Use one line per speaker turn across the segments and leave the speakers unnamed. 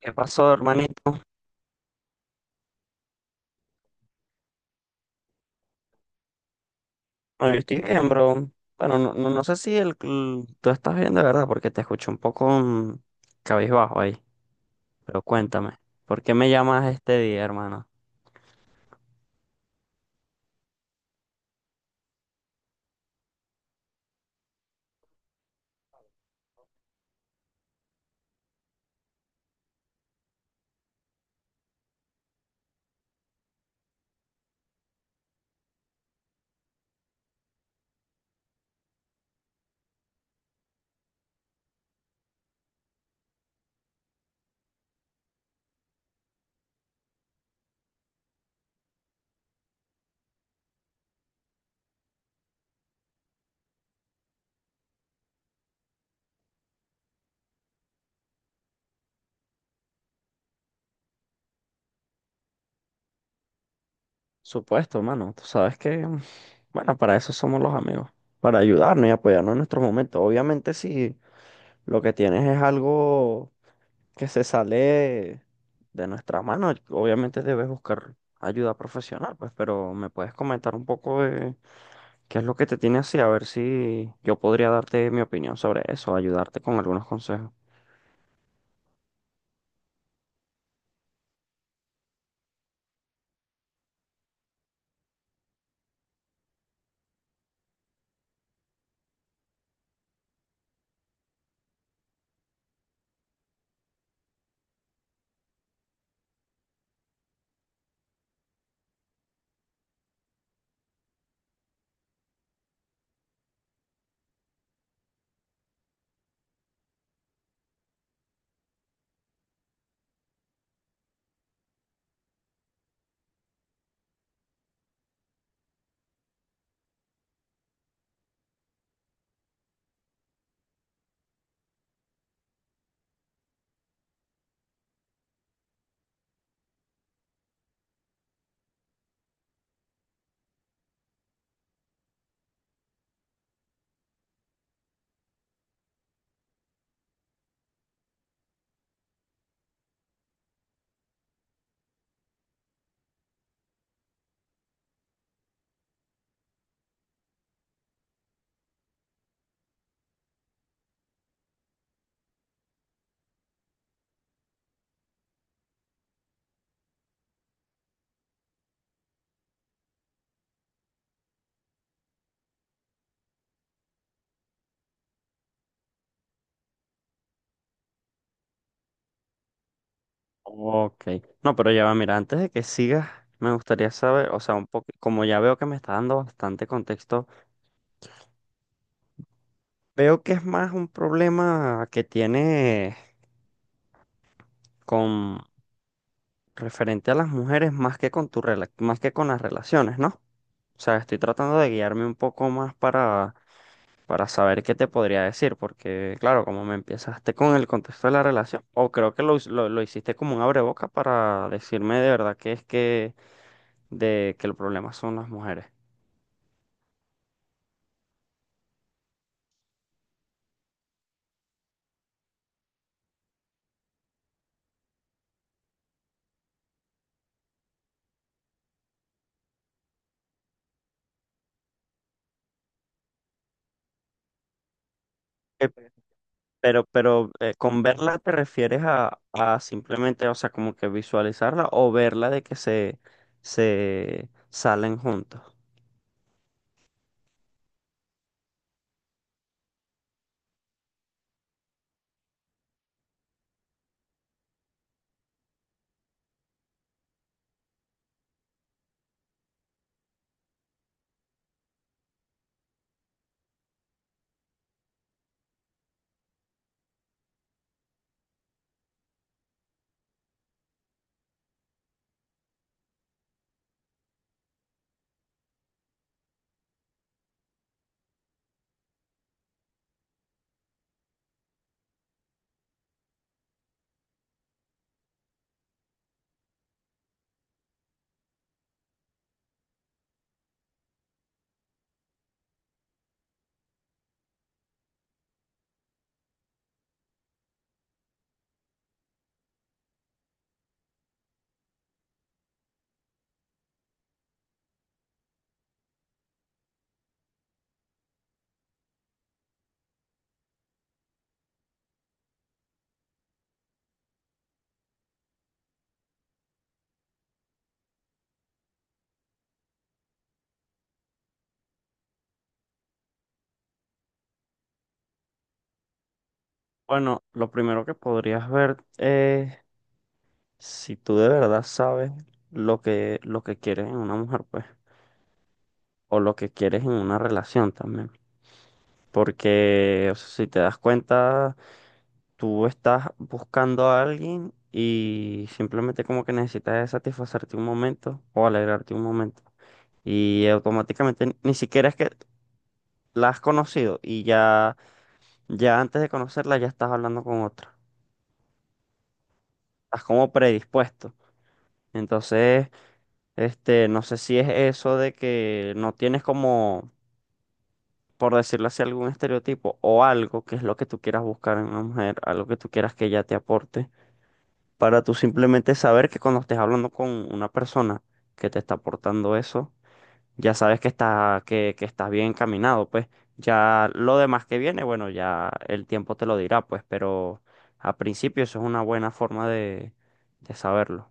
¿Qué pasó, hermanito? Bueno, yo estoy bien, bro. Bueno, no sé si tú estás bien de verdad, porque te escucho un poco cabizbajo ahí. Pero cuéntame, ¿por qué me llamas este día, hermano? Supuesto, hermano. Tú sabes que, bueno, para eso somos los amigos, para ayudarnos y apoyarnos en nuestros momentos. Obviamente, si lo que tienes es algo que se sale de nuestra mano, obviamente debes buscar ayuda profesional, pues, pero me puedes comentar un poco. ¿Qué es lo que te tiene así? A ver si yo podría darte mi opinión sobre eso, ayudarte con algunos consejos. Ok. No, pero ya va, mira, antes de que sigas, me gustaría saber, o sea, un poco, como ya veo que me está dando bastante contexto, veo que es más un problema que tiene con referente a las mujeres más que con más que con las relaciones, ¿no? O sea, estoy tratando de guiarme un poco más para saber qué te podría decir, porque claro, como me empezaste con el contexto de la relación, o creo que lo hiciste como un abreboca para decirme de verdad que es que, de, que el problema son las mujeres. Eh, Pero, con verla te refieres a simplemente, o sea, como que visualizarla o verla de que se salen juntos. Bueno, lo primero que podrías ver es si tú de verdad sabes lo que quieres en una mujer, pues. O lo que quieres en una relación también. Porque, o sea, si te das cuenta, tú estás buscando a alguien y simplemente como que necesitas de satisfacerte un momento o alegrarte un momento. Y automáticamente ni siquiera es que la has conocido y ya, ya antes de conocerla ya estás hablando con otra. Estás como predispuesto. Entonces, este, no sé si es eso de que no tienes como por decirlo así, algún estereotipo o algo que es lo que tú quieras buscar en una mujer, algo que tú quieras que ella te aporte, para tú simplemente saber que cuando estés hablando con una persona que te está aportando eso, ya sabes que que estás bien encaminado, pues ya lo demás que viene, bueno, ya el tiempo te lo dirá, pues, pero a principio eso es una buena forma de saberlo.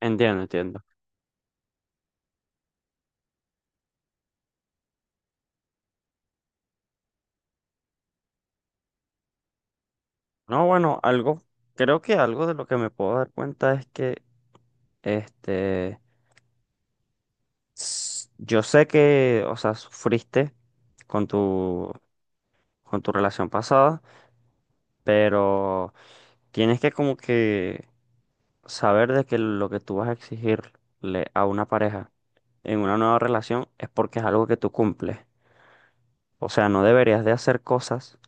Entiendo, entiendo. No, bueno, algo, creo que algo de lo que me puedo dar cuenta es que este yo sé que, o sea, sufriste con tu, con tu relación pasada, pero tienes que como que saber de que lo que tú vas a exigirle a una pareja en una nueva relación es porque es algo que tú cumples. O sea, no deberías de hacer cosas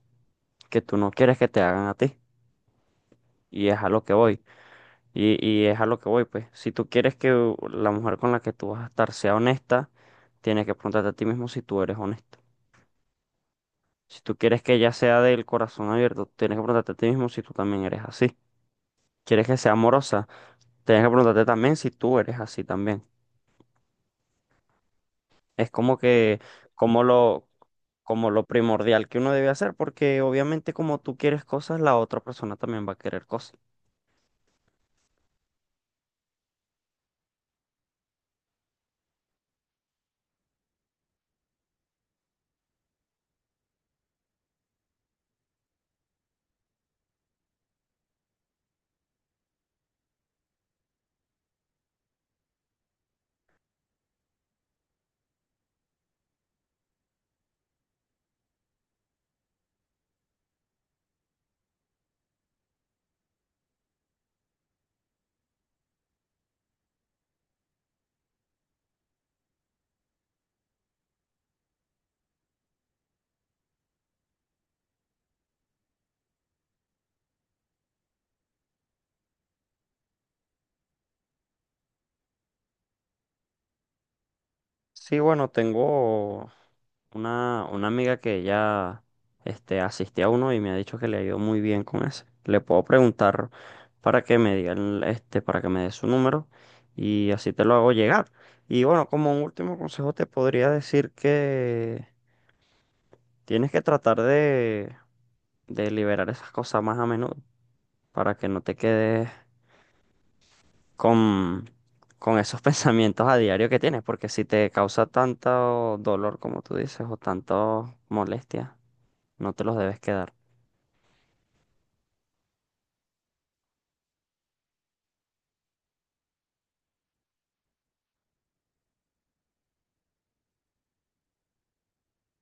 que tú no quieres que te hagan a ti. Y es a lo que voy. Y es a lo que voy, pues. Si tú quieres que la mujer con la que tú vas a estar sea honesta, tienes que preguntarte a ti mismo si tú eres honesto. Si tú quieres que ella sea del corazón abierto, tienes que preguntarte a ti mismo si tú también eres así. ¿Quieres que sea amorosa? Tienes que preguntarte también si tú eres así también. Es como que, como lo, como lo primordial que uno debe hacer, porque obviamente como tú quieres cosas, la otra persona también va a querer cosas. Sí, bueno, tengo una amiga que ya este, asistió a uno y me ha dicho que le ha ido muy bien con ese. Le puedo preguntar para que me digan, este, para que me dé su número y así te lo hago llegar. Y bueno, como un último consejo te podría decir que tienes que tratar de liberar esas cosas más a menudo para que no te quedes con, con esos pensamientos a diario que tienes, porque si te causa tanto dolor como tú dices o tanto molestia, no te los debes quedar.